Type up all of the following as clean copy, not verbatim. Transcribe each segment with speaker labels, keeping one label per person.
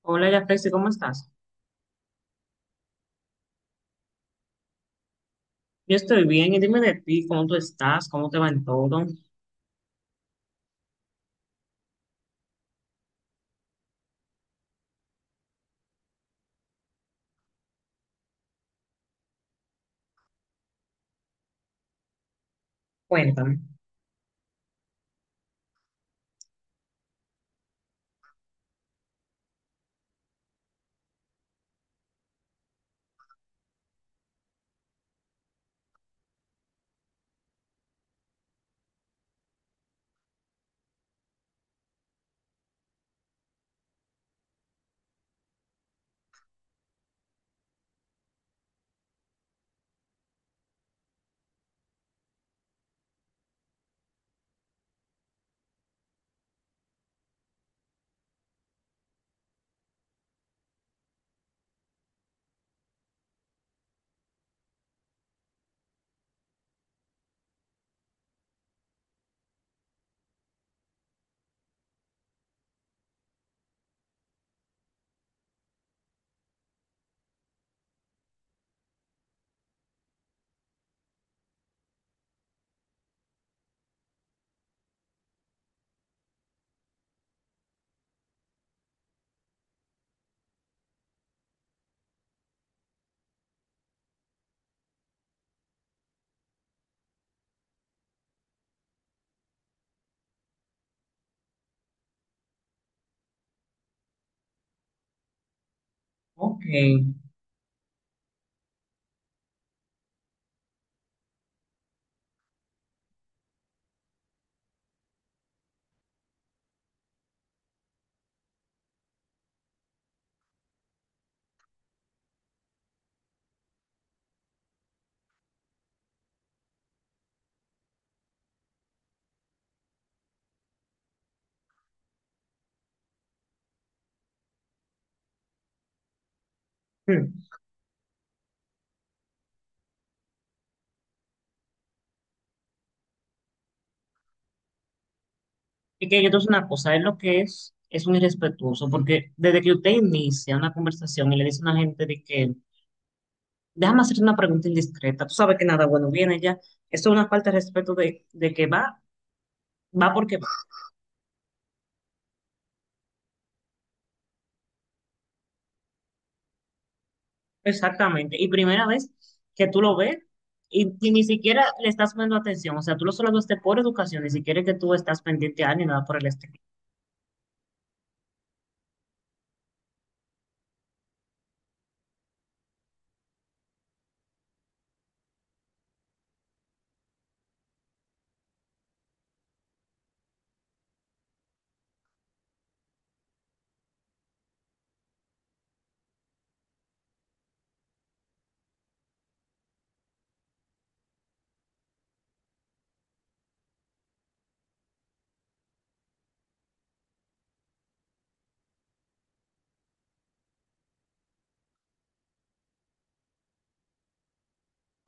Speaker 1: Hola, Yafesi, ¿cómo estás? Yo estoy bien, y dime de ti, ¿cómo tú estás? ¿Cómo te va en todo? Cuéntame. Ok. Hmm. Y que yo te voy a decir una cosa, es lo que es un irrespetuoso, porque desde que usted inicia una conversación y le dice a una gente de que, déjame hacer una pregunta indiscreta, tú sabes que nada bueno viene ya, esto es una falta de respeto de que va, va porque va. Exactamente. Y primera vez que tú lo ves y ni siquiera le estás poniendo atención, o sea, tú lo solo lo haces por educación, ni siquiera es que tú estás pendiente a él ni nada por el estilo.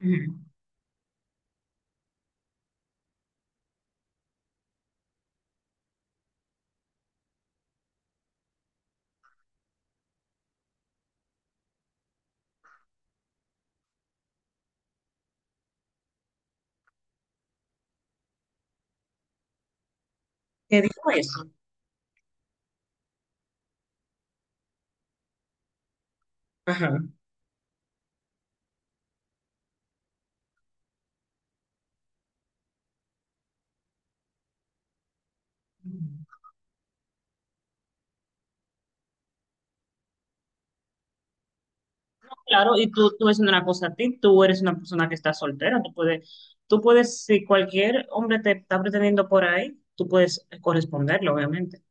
Speaker 1: Ujú. ¿Qué dijo eso? Ajá. Ujú. Claro, y tú es una cosa a ti, tú eres una persona que está soltera, tú puedes, si cualquier hombre te está pretendiendo por ahí, tú puedes corresponderlo, obviamente.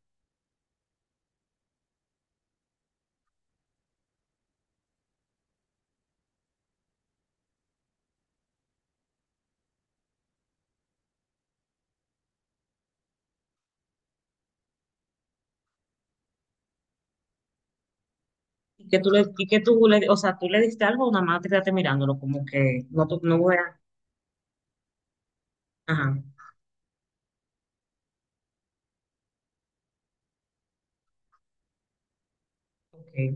Speaker 1: Y que tú le, y que tú le, o sea, tú le diste algo, nada más te quedaste mirándolo, como que no, tú- no voy a, ajá, ok,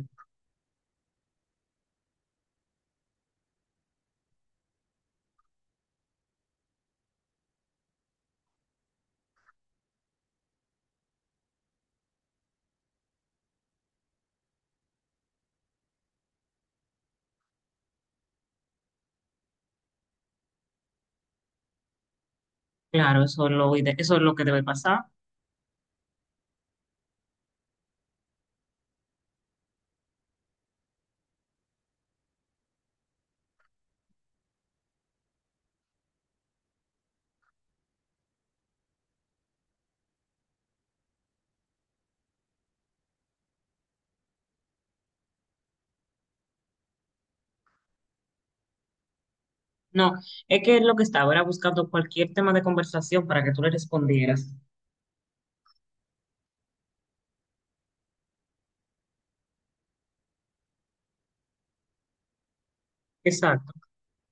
Speaker 1: claro, eso es lo, ide- eso es lo que debe pasar. No, es que lo que estaba era buscando cualquier tema de conversación para que tú le respondieras. Exacto.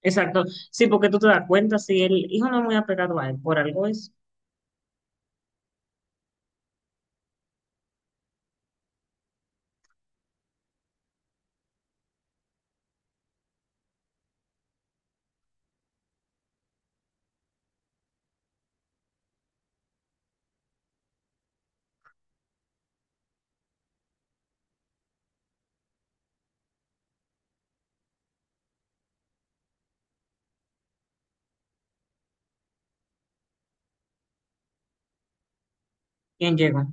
Speaker 1: Exacto. Sí, porque tú te das cuenta, si el hijo no es muy apegado a él, por algo es quien llegó.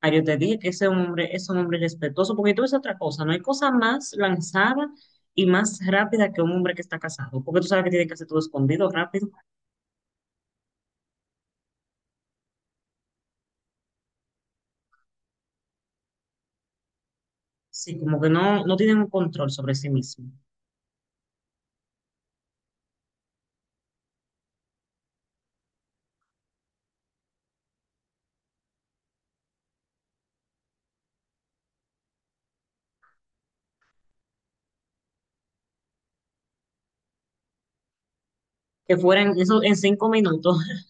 Speaker 1: Ah, yo te dije que ese hombre es un hombre respetuoso, porque tú es otra cosa, no hay cosa más lanzada y más rápida que un hombre que está casado, porque tú sabes que tiene que hacer todo escondido, rápido. Sí, como que no, no tienen un control sobre sí mismo. Que fueran, eso en 5 minutos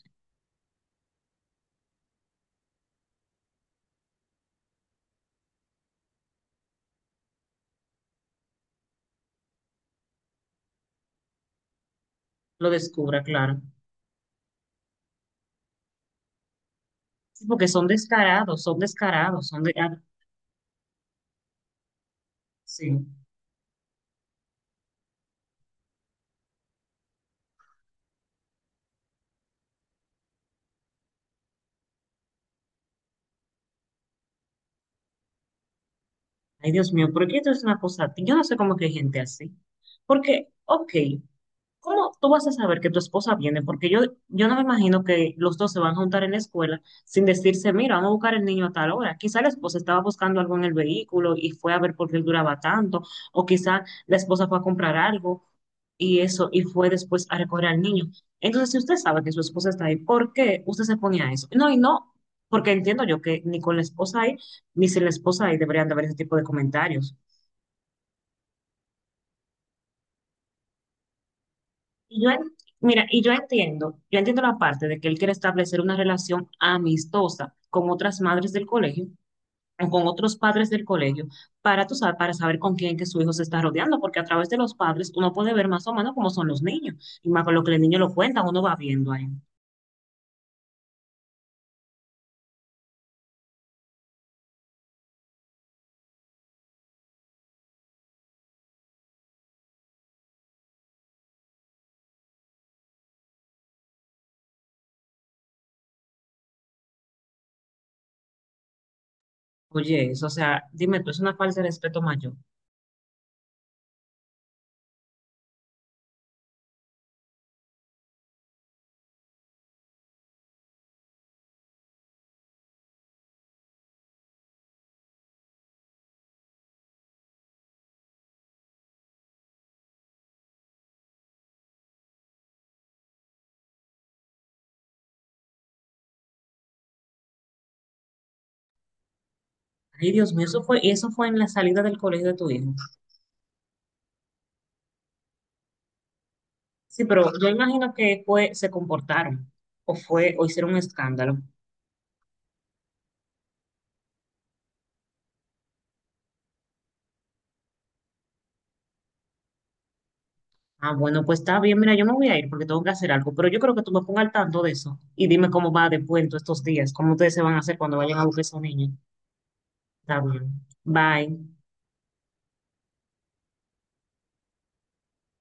Speaker 1: lo descubra, claro. Sí, porque son descarados, son descarados, son de... ah, sí. Ay, Dios mío, ¿por qué esto es una cosa? Yo no sé cómo que hay gente así. Porque, ok. ¿Cómo tú vas a saber que tu esposa viene? Porque yo no me imagino que los dos se van a juntar en la escuela sin decirse, mira, vamos a buscar el niño a tal hora. Quizá la esposa estaba buscando algo en el vehículo y fue a ver por qué él duraba tanto, o quizá la esposa fue a comprar algo y eso, y fue después a recoger al niño. Entonces, si usted sabe que su esposa está ahí, ¿por qué usted se pone a eso? No, y no, porque entiendo yo que ni con la esposa ahí, ni sin la esposa ahí deberían de haber ese tipo de comentarios. Y yo, en- mira, y yo entiendo la parte de que él quiere establecer una relación amistosa con otras madres del colegio o con otros padres del colegio para, tú sabes, para saber con quién que su hijo se está rodeando, porque a través de los padres uno puede ver más o menos cómo son los niños y más con lo que el niño lo cuenta, uno va viendo ahí. Oye, eso, o sea, dime tú, es una falta de respeto mayor. Ay, Dios mío, eso fue, y eso fue en la salida del colegio de tu hijo. Sí, pero yo imagino que fue, se comportaron o fue, o hicieron un escándalo. Ah, bueno, pues está bien. Mira, yo me voy a ir porque tengo que hacer algo, pero yo creo que tú me pongas al tanto de eso y dime cómo va después en todos estos días, cómo ustedes se van a hacer cuando vayan a buscar a esos niños. Está bien. Bye.